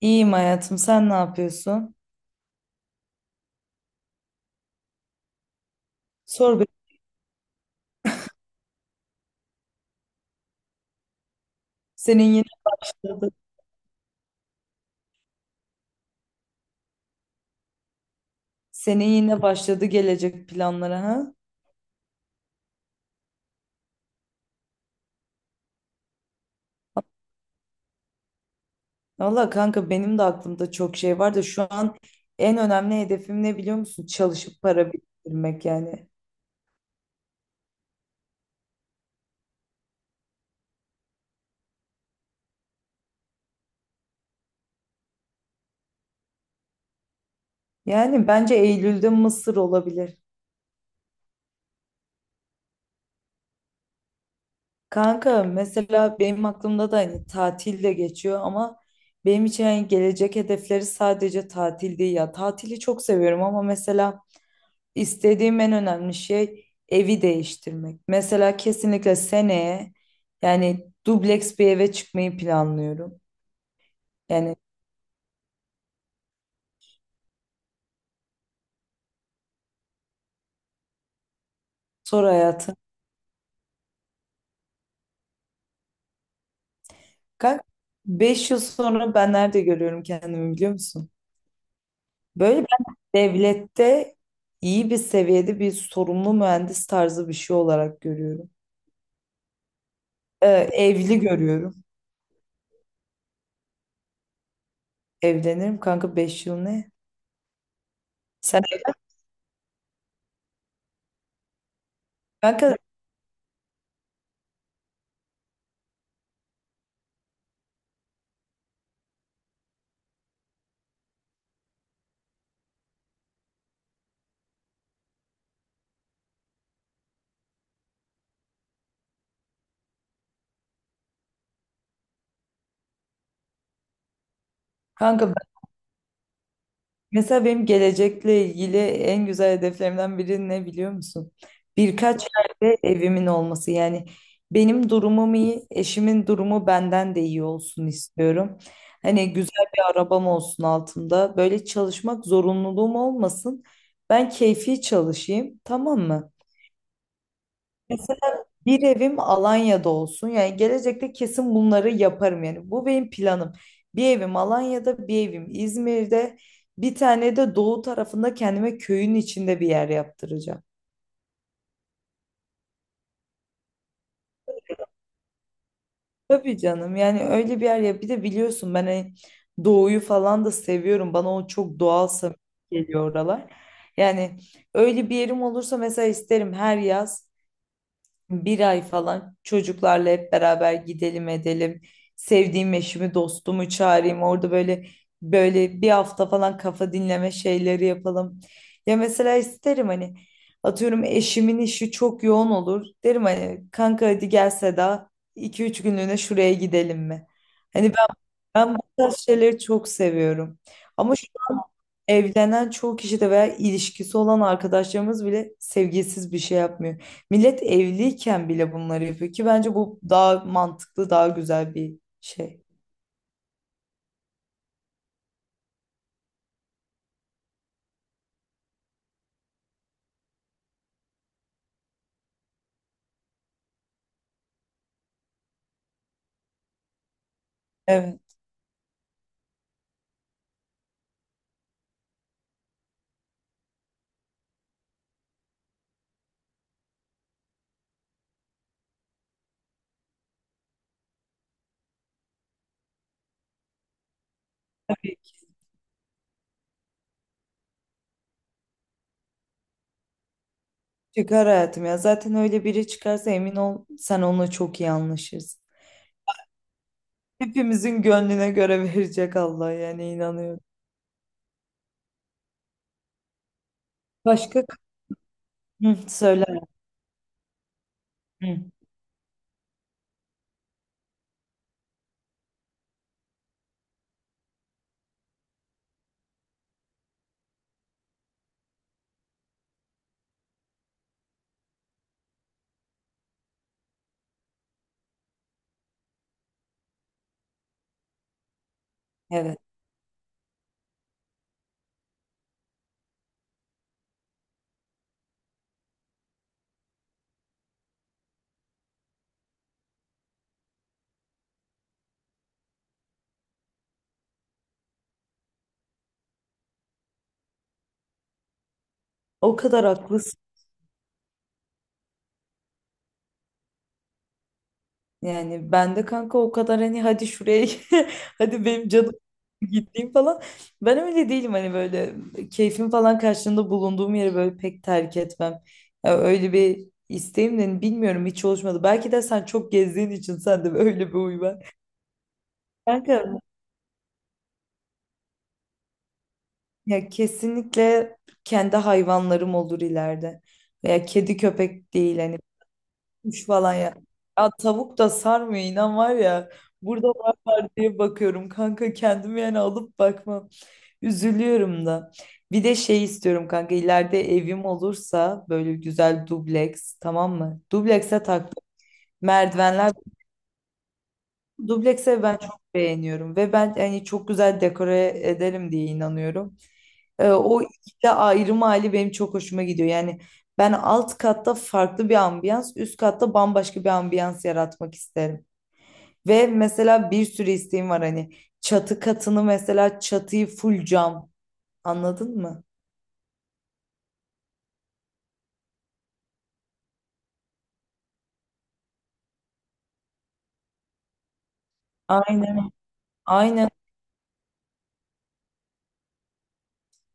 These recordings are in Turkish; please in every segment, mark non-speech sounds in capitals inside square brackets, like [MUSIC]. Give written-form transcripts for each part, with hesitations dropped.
İyiyim hayatım. Sen ne yapıyorsun? Sor bir. Senin yine başladı. Senin yine başladı gelecek planlara ha? Valla kanka benim de aklımda çok şey var da şu an en önemli hedefim ne biliyor musun? Çalışıp para biriktirmek yani. Yani bence Eylül'de Mısır olabilir. Kanka mesela benim aklımda da hani tatil de geçiyor ama benim için hani gelecek hedefleri sadece tatil değil ya. Tatili çok seviyorum ama mesela İstediğim en önemli şey evi değiştirmek. Mesela kesinlikle seneye yani dubleks bir eve çıkmayı planlıyorum. Yani sor hayatım. Kalk. Beş yıl sonra ben nerede görüyorum kendimi biliyor musun? Böyle ben devlette iyi bir seviyede bir sorumlu mühendis tarzı bir şey olarak görüyorum. Evli görüyorum. Evlenirim kanka 5 yıl ne? Sen kanka kanka mesela benim gelecekle ilgili en güzel hedeflerimden biri ne biliyor musun? Birkaç yerde evimin olması. Yani benim durumum iyi, eşimin durumu benden de iyi olsun istiyorum. Hani güzel bir arabam olsun altında. Böyle çalışmak zorunluluğum olmasın. Ben keyfi çalışayım, tamam mı? Bir evim Alanya'da olsun. Yani gelecekte kesin bunları yaparım yani. Bu benim planım. Bir evim Alanya'da, bir evim İzmir'de, bir tane de doğu tarafında kendime köyün içinde bir yer yaptıracağım. Tabii canım yani öyle bir yer ya. Bir de biliyorsun ben hani doğuyu falan da seviyorum. Bana o çok doğal samimi geliyor oralar. Yani öyle bir yerim olursa mesela isterim her yaz bir ay falan çocuklarla hep beraber gidelim edelim. Sevdiğim eşimi, dostumu çağırayım. Orada böyle bir hafta falan kafa dinleme şeyleri yapalım. Ya mesela isterim hani atıyorum eşimin işi çok yoğun olur. Derim hani kanka hadi gel Seda, 2-3 günlüğüne şuraya gidelim mi? Hani ben bu tarz şeyleri çok seviyorum. Ama şu evlenen çoğu kişi de veya ilişkisi olan arkadaşlarımız bile sevgisiz bir şey yapmıyor. Millet evliyken bile bunları yapıyor ki bence bu daha mantıklı, daha güzel bir şey. Evet. Çıkar hayatım ya. Zaten öyle biri çıkarsa emin ol sen onunla çok iyi anlaşırsın. Hepimizin gönlüne göre [LAUGHS] verecek Allah yani inanıyorum. Başka? Hı, söyle. Hı, evet. O kadar haklısın. Yani ben de kanka o kadar hani hadi şuraya [LAUGHS] hadi benim canım [LAUGHS] gittiğim falan. Ben öyle değilim hani böyle keyfim falan karşılığında bulunduğum yeri böyle pek terk etmem. Ya öyle bir isteğim de hani bilmiyorum hiç oluşmadı. Belki de sen çok gezdiğin için sende öyle bir huy var. Kanka ya kesinlikle kendi hayvanlarım olur ileride. Veya kedi köpek değil hani kuş falan ya. Ya tavuk da sarmıyor inan var ya. Burada var var diye bakıyorum kanka kendimi yani alıp bakmam. Üzülüyorum da. Bir de şey istiyorum kanka ileride evim olursa böyle güzel dubleks, tamam mı? Dublekse taktım. Merdivenler, dublekse ben çok beğeniyorum ve ben yani çok güzel dekore ederim diye inanıyorum. O ikili ayrım hali benim çok hoşuma gidiyor. Yani ben alt katta farklı bir ambiyans, üst katta bambaşka bir ambiyans yaratmak isterim. Ve mesela bir sürü isteğim var hani çatı katını mesela çatıyı full cam, anladın mı? Aynen, aynen,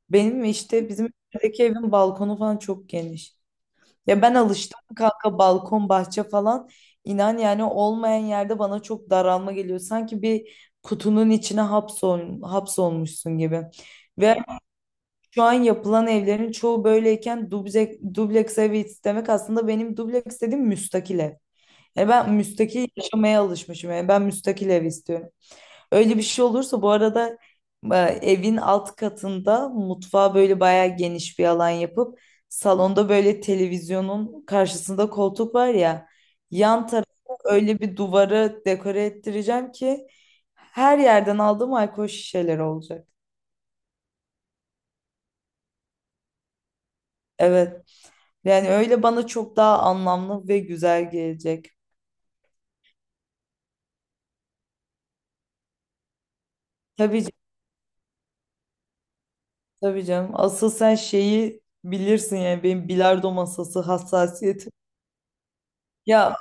benim işte bizim evdeki evin balkonu falan çok geniş. Ya ben alıştım kanka balkon bahçe falan inan yani olmayan yerde bana çok daralma geliyor. Sanki bir kutunun içine hapsolmuşsun gibi. Ve şu an yapılan evlerin çoğu böyleyken dubleks, evi istemek aslında benim dubleks dediğim müstakil ev. E ben müstakil yaşamaya alışmışım. Yani ben müstakil ev istiyorum. Öyle bir şey olursa bu arada evin alt katında mutfağa böyle bayağı geniş bir alan yapıp salonda böyle televizyonun karşısında koltuk var ya, yan tarafa öyle bir duvarı dekore ettireceğim ki her yerden aldığım alkol şişeleri olacak. Evet. Yani öyle bana çok daha anlamlı ve güzel gelecek. Tabii canım, tabii canım. Asıl sen şeyi bilirsin yani benim bilardo masası hassasiyetim. Ya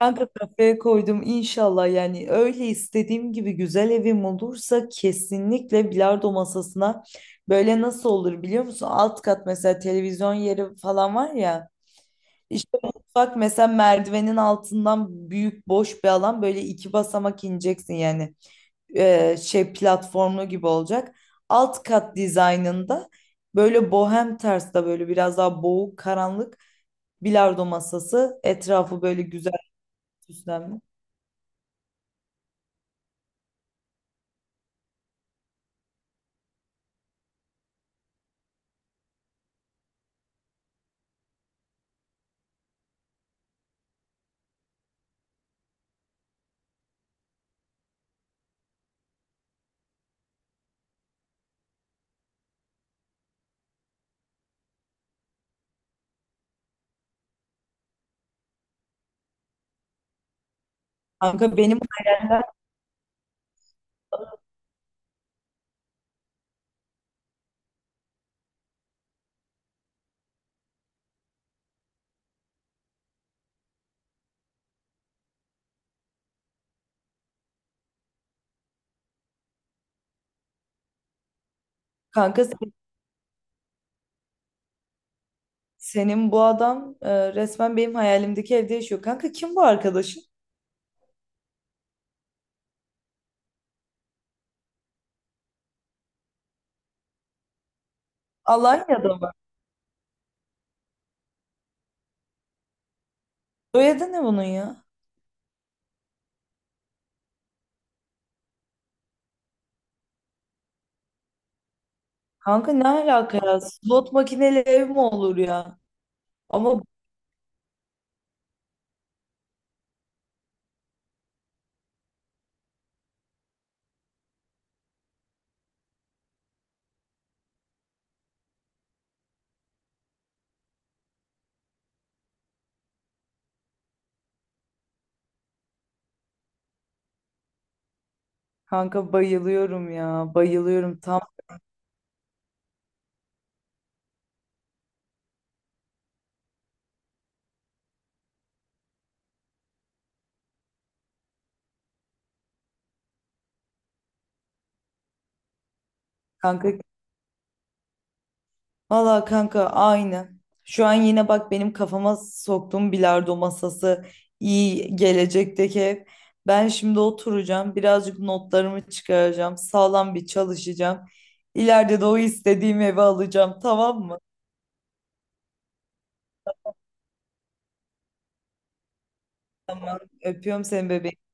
kanka kafaya koydum inşallah yani öyle istediğim gibi güzel evim olursa kesinlikle bilardo masasına böyle nasıl olur biliyor musun? Alt kat mesela televizyon yeri falan var ya, işte mutfak mesela merdivenin altından büyük boş bir alan böyle iki basamak ineceksin yani şey, platformlu gibi olacak. Alt kat dizaynında böyle bohem tarzda böyle biraz daha boğuk karanlık, bilardo masası etrafı böyle güzel süslenmiş. Kanka benim hayalimden, kanka senin bu adam resmen benim hayalimdeki evde yaşıyor. Kanka kim bu arkadaşın? Alanya'da mı? Soyadı ne bunun ya? Kanka ne alaka ya? Slot makineli ev mi olur ya? Ama kanka bayılıyorum ya. Bayılıyorum tam. Kanka, valla kanka aynı. Şu an yine bak benim kafama soktuğum bilardo masası, iyi gelecekteki ev. Ben şimdi oturacağım, birazcık notlarımı çıkaracağım, sağlam bir çalışacağım. İleride de o istediğim evi alacağım, tamam mı? Öpüyorum seni bebeğim.